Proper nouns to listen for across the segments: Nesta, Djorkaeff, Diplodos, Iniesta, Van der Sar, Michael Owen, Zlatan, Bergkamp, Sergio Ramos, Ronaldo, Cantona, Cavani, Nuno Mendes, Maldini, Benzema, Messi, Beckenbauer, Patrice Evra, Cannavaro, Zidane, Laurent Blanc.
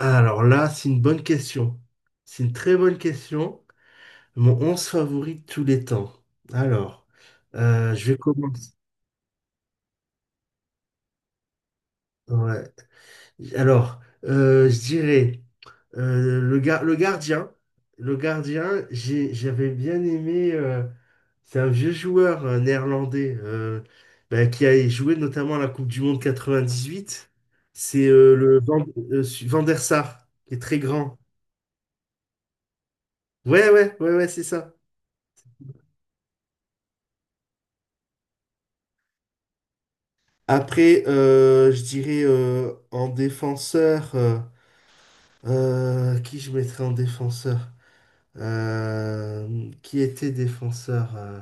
Alors là, c'est une bonne question. C'est une très bonne question. Mon 11 favori de tous les temps. Alors, je vais commencer. Ouais. Alors, je dirais le gardien. Le gardien, j'avais bien aimé. C'est un vieux joueur néerlandais, bah, qui a joué notamment à la Coupe du Monde 98. C'est Van der Sar, qui est très grand. Ouais, ouais, ouais, ouais, c'est ça. Après, je dirais en défenseur, qui je mettrais en défenseur? Qui était défenseur? euh,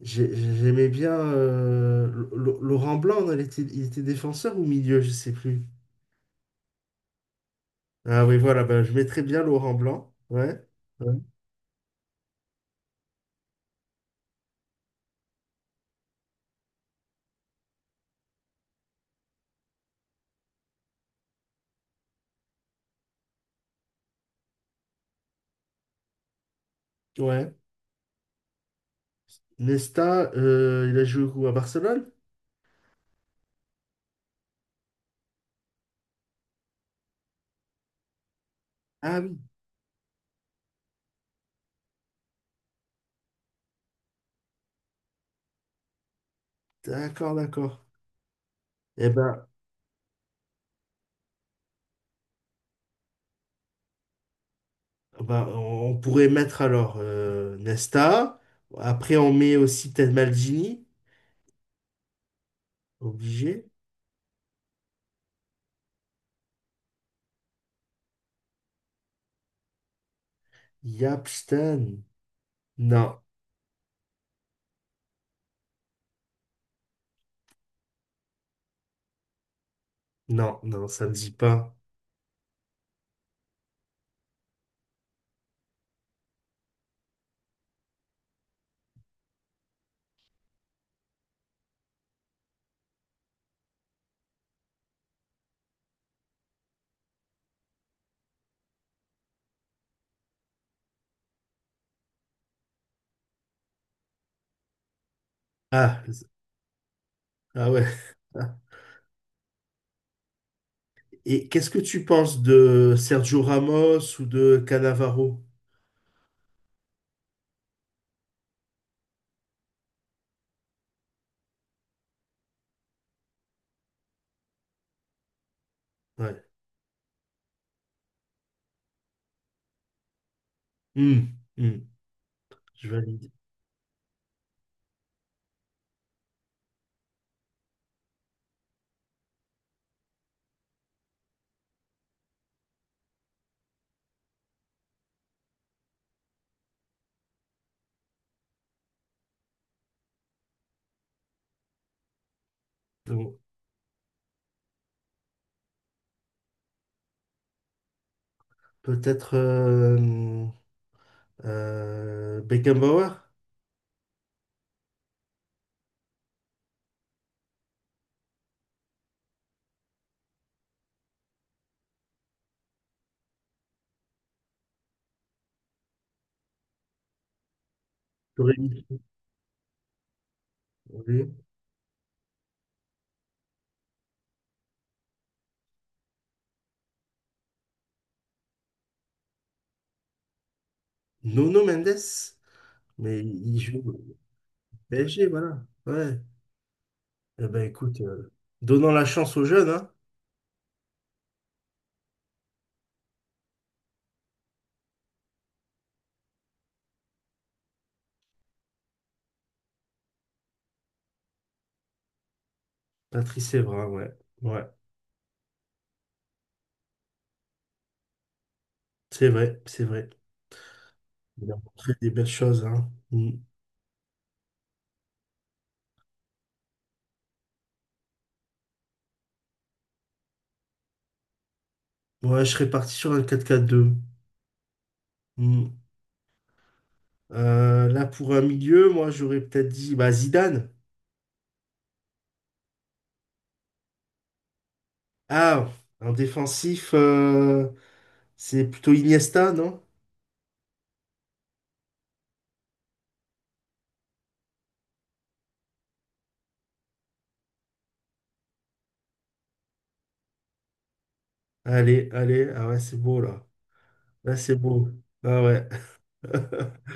j'ai- J'aimais bien Laurent Blanc, non, il était défenseur ou milieu, je sais plus. Ah oui, voilà, ben, je mettrais bien Laurent Blanc. Ouais. Ouais. Ouais. Nesta, il a joué où? À Barcelone? Ah oui, d'accord, d'accord. Eh ben, ben, on pourrait mettre alors Nesta. Après, on met aussi peut-être Maldini. Obligé. Yapstan. Non, non, non, ça me dit pas. Ah, z- ah ouais. Ah. Et qu'est-ce que tu penses de Sergio Ramos ou de Cannavaro? Ouais. Hmm, hmm, je valide. Donc, peut-être Beckenbauer? T'aurais mis- oui. Nuno Mendes? Mais il joue au PSG, voilà. Ouais. Eh ben écoute, donnons la chance aux jeunes, hein. Patrice Evra, ouais. Ouais, c'est vrai, c'est vrai. Il a montré des belles choses, hein. Mm. Ouais, je serais parti sur un 4-4-2. Mm. Là, pour un milieu, moi, j'aurais peut-être dit bah, Zidane. Ah, en défensif, c'est plutôt Iniesta, non? Allez, allez, ah ouais, c'est beau, là. Là, c'est beau. Ah ouais.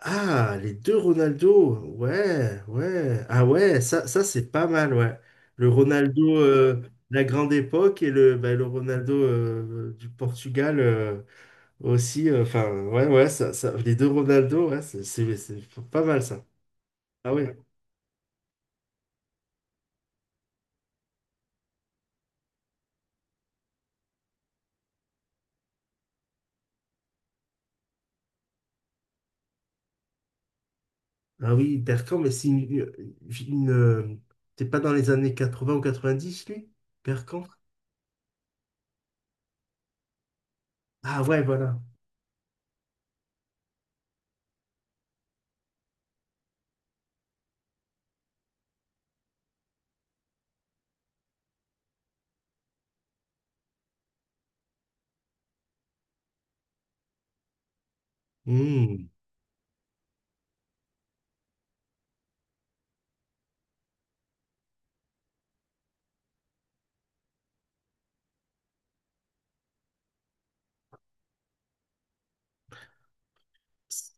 Ah, les deux Ronaldo. Ouais, ouais. Ah ouais, ça c'est pas mal, ouais. Le Ronaldo de la grande époque et le, bah, le Ronaldo du Portugal aussi. Enfin, ouais, ouais, ça, les deux Ronaldo, ouais, c'est pas mal ça. Ah ouais. Ah oui, Bergkamp, mais une, euh, t'es pas dans les années 80 ou quatre-vingt-dix lui? Bergkamp? Ah ouais, voilà. Hmm.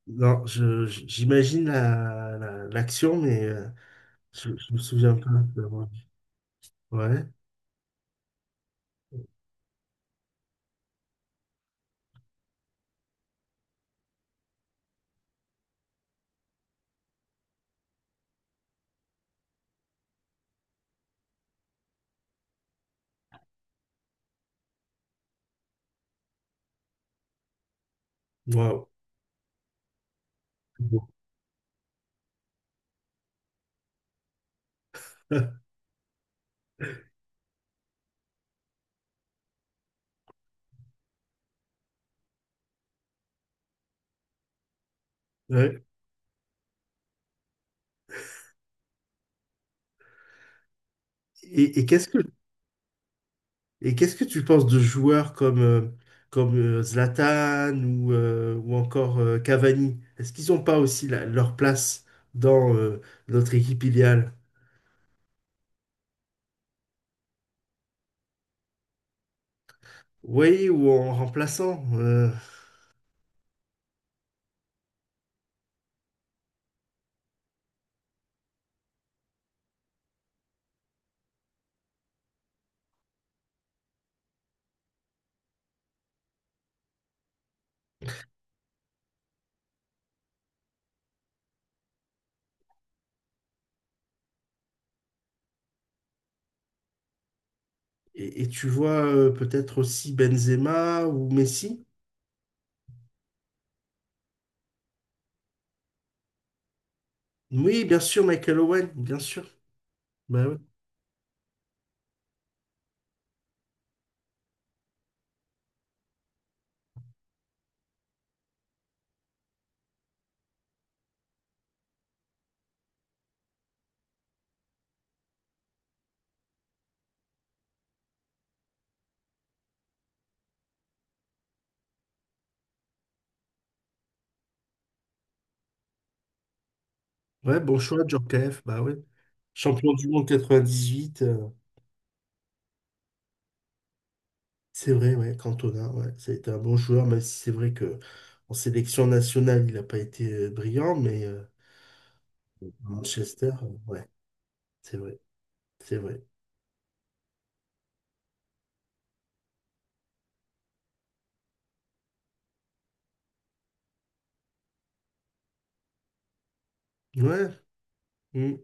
Non, j'imagine l'action, mais... je me souviens pas de l'avoir vu. Ouais. Waouh. Bon. Ouais. Et, et qu'est-ce que et qu'est-ce que tu penses de joueurs comme Zlatan ou ou encore Cavani? Est-ce qu'ils n'ont pas aussi leur place dans notre équipe idéale? Oui, ou en remplaçant. Et tu vois peut-être aussi Benzema ou Messi? Oui, bien sûr, Michael Owen, bien sûr. Bah ouais. Ouais, bon choix, Djorkaeff, bah ouais. Champion du monde 98. C'est vrai, ouais, Cantona, ouais, ça a été un bon joueur, même si c'est vrai que en sélection nationale, il n'a pas été brillant, mais à Manchester, ouais, c'est vrai, c'est vrai. Ouais, mm,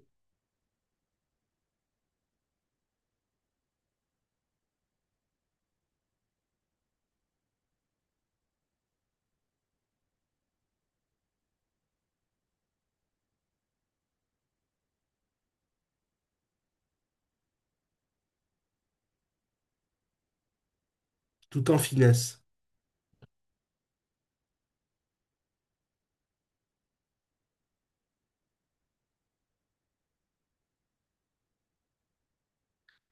tout en finesse.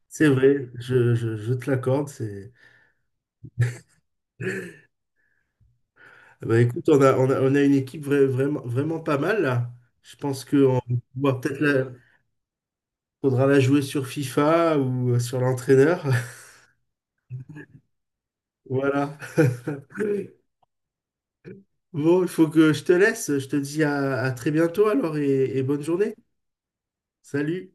C'est vrai, je te l'accorde. C'est... ah bah, écoute, on a, on a, on a une équipe vraiment, vraiment pas mal là. Je pense qu'on va peut-être la... faudra la jouer sur FIFA ou sur l'entraîneur. Voilà. Bon, il faut que je te laisse. Je te dis à très bientôt alors et bonne journée. Salut!